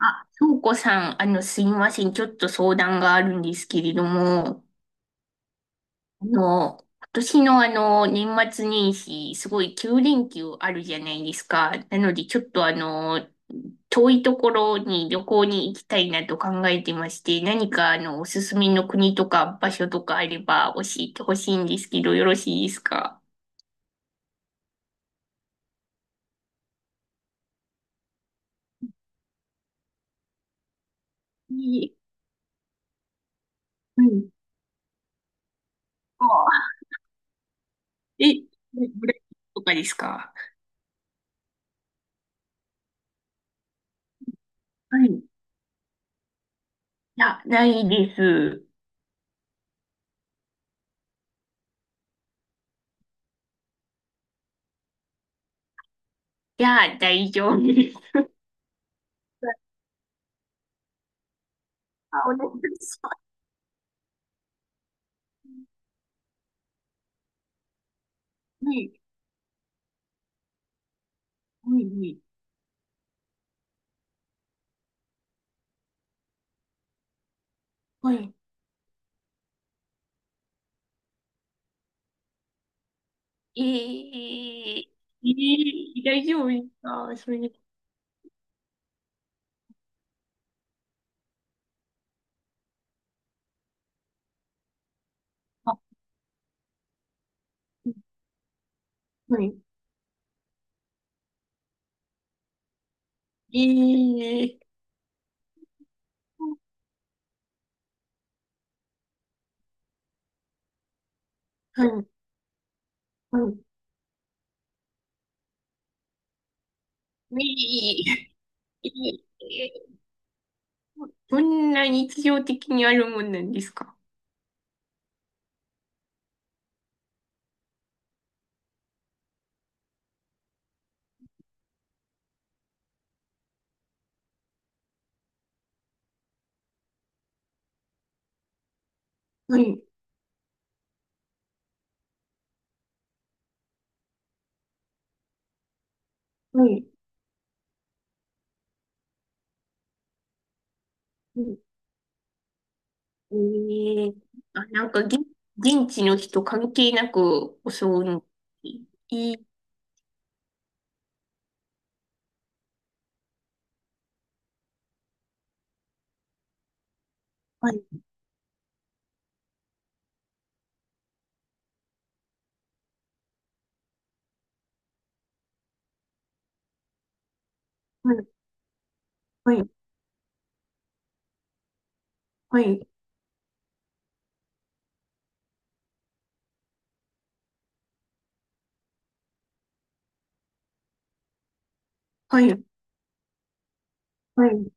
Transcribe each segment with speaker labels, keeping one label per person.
Speaker 1: あ、翔子さん、すいません。ちょっと相談があるんですけれども、今年の年末年始、すごい9連休あるじゃないですか。なので、ちょっと遠いところに旅行に行きたいなと考えてまして、何かおすすめの国とか場所とかあれば教えてほしいんですけど、よろしいですか？いい。うん。あえ、ブラジルとかですか？はい。いや、ないです。いや、大丈夫です。あお願いします。はい、はい、はい。はい。えー、ええ大丈夫ですかそれで？あ、はい。ええはい、はい。えー、えー。こんな日常的にあるもんなんですか？はい、はい。うんえーあ、なんか、現地の人関係なく襲うん。えーはい、はい、はい、はい、はい、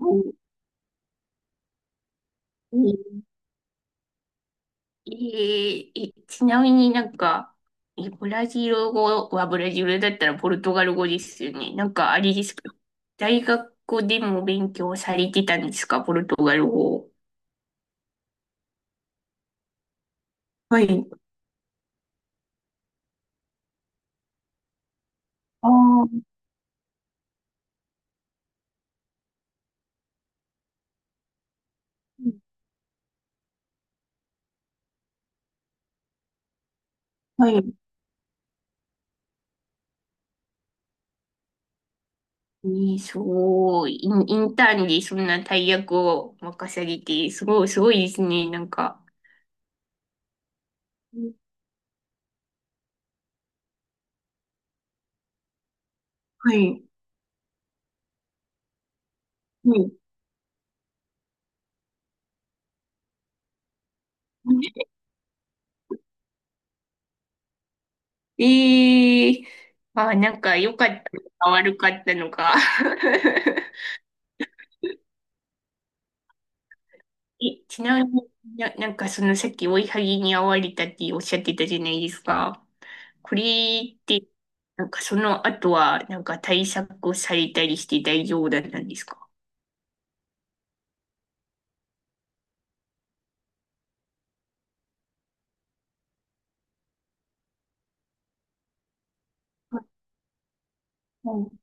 Speaker 1: はい。えええちなみになんか、え、ブラジル語はブラジルだったらポルトガル語ですよね。なんかあれですか？大学でも勉強されてたんですか、ポルトガル語？はい。ああ、はい。ええすごい。インターンでそんな大役を任されて、すごい、すごいですね。なんか。はい。はい。ええあ、なんか良かったのか悪かったのか。え、ちなみになんかそのさっき追いはぎに遭われたっておっしゃってたじゃないですか。これって、なんかその後は、なんか対策をされたりして大丈夫だったんですか？うん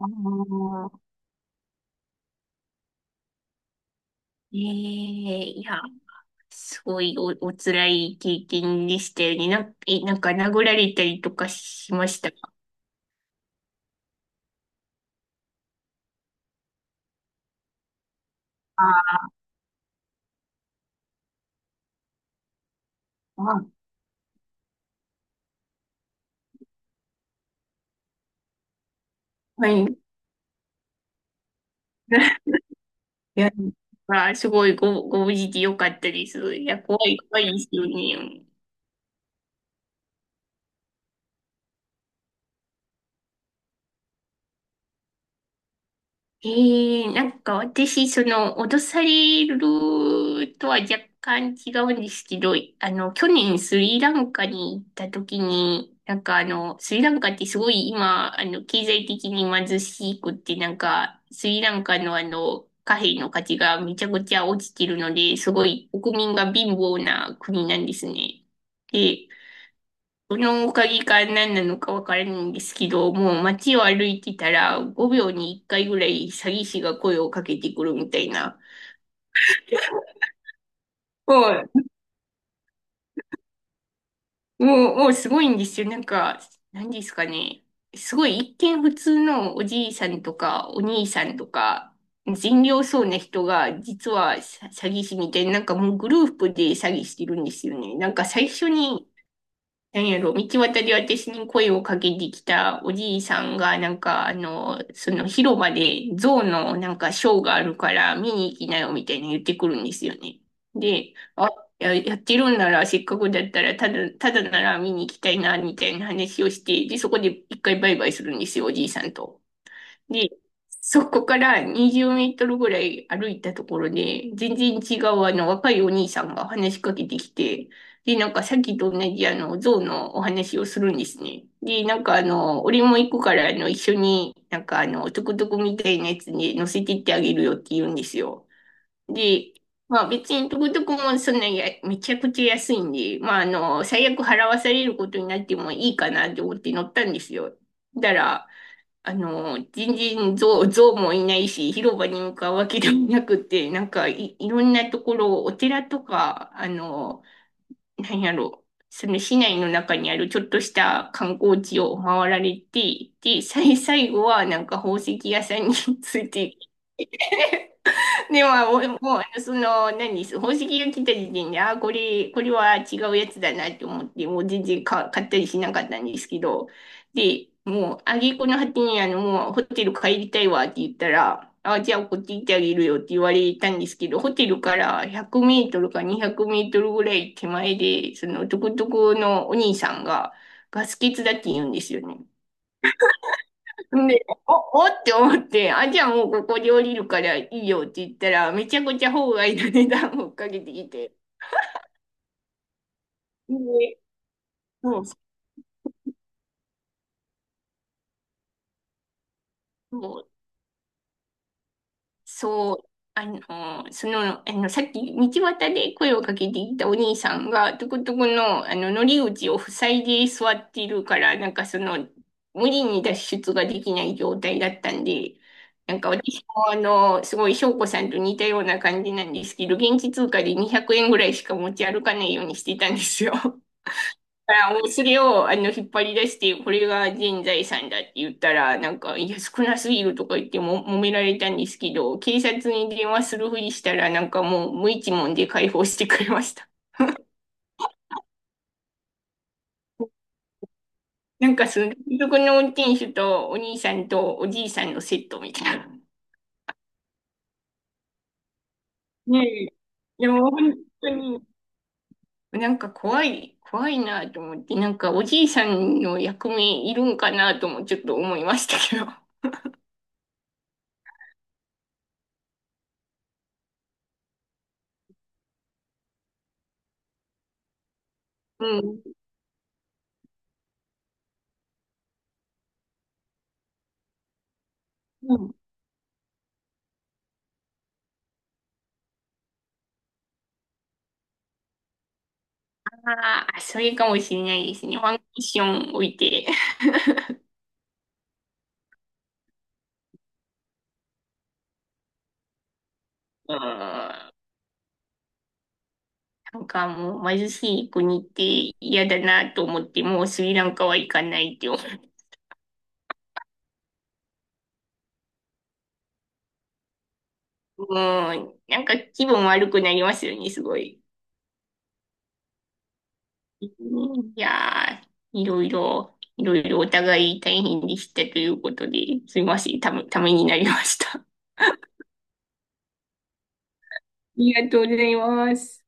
Speaker 1: ああええいや、すごいお辛い経験でしたよね。え、なんか殴られたりとかしましたか？ああ、はい。いや、まあ、すごいご無事でよかったです。いや、怖い、怖いですよね。ええなんか私、その、脅されるとは若干違うんですけど、去年スリランカに行った時に、なんかスリランカってすごい今、経済的に貧しくって、なんか、スリランカの貨幣の価値がめちゃくちゃ落ちてるので、すごい国民が貧乏な国なんですね。で、そのおかげか何なのかわからないんですけど、もう街を歩いてたら5秒に1回ぐらい詐欺師が声をかけてくるみたいな。もう、もう、もうすごいんですよ。なんか、何ですかね。すごい一見普通のおじいさんとかお兄さんとか善良そうな人が実は詐欺師みたいな、なんかもうグループで詐欺してるんですよね。なんか最初になんやろ、道端で私に声をかけてきたおじいさんが、なんか、その広場で象のなんかショーがあるから見に行きなよみたいな言ってくるんですよね。で、あ、やってるんならせっかくだったら、ただなら見に行きたいな、みたいな話をして、で、そこで一回バイバイするんですよ、おじいさんと。で、そこから20メートルぐらい歩いたところで、全然違うあの若いお兄さんが話しかけてきて、で、なんかさっきと同じあの象のお話をするんですね。で、なんか俺も行くから一緒になんかトゥクトゥクみたいなやつに乗せてってあげるよって言うんですよ。で、まあ別にトゥクトゥクもそんなや、めちゃくちゃ安いんで、まあ最悪払わされることになってもいいかなって思って乗ったんですよ。だから、全然象もいないし、広場に向かうわけでもなくて、なんかいろんなところ、お寺とか、なんやろ、その市内の中にあるちょっとした観光地を回られて、で、最後はなんか宝石屋さんに ついて でも、おもう、その、何、宝石が来た時点で、あ、これは違うやつだなって思って、もう全然買ったりしなかったんですけど、で、もう、挙句の果てに、もう、ホテル帰りたいわって言ったら、あ、じゃあ、こっち行ってあげるよって言われたんですけど、ホテルから100メートルか200メートルぐらい手前で、その、トゥクトゥクのお兄さんが、ガス欠だって言うんですよね。で、お、おって思って、あ、じゃあもうここで降りるからいいよって言ったら、めちゃくちゃ法外な値段をかけてきて。で、そう、そうそう、あの、その、さっき道端で声をかけていたお兄さんが、トこトこの、乗り口を塞いで座っているから、なんかその、無理に脱出ができない状態だったんで、なんか私もすごい翔子さんと似たような感じなんですけど、現地通貨で200円ぐらいしか持ち歩かないようにしてたんですよ。からおそれを引っ張り出して、これが全財産だって言ったら、なんか、いや、少なすぎるとか言っても揉められたんですけど、警察に電話するふりしたら、なんかもう無一文で解放してくれました。なんかその、族の運転手とお兄さんとおじいさんのセットみたいな。ねえ。でも本当に、なんか怖い、怖いなと思って、なんかおじいさんの役目いるんかなともちょっと思いましたけど。うん。ああ、それかもしれないですね。ワンクッション置いて。うん。なんかもう貧しい国って嫌だなと思って、もうスリランカは行かないって思う。うん。なんか気分悪くなりますよね、すごい。うんいやー、いろいろお互い大変でしたということで、すいません、ためになりました。ありがとうございます。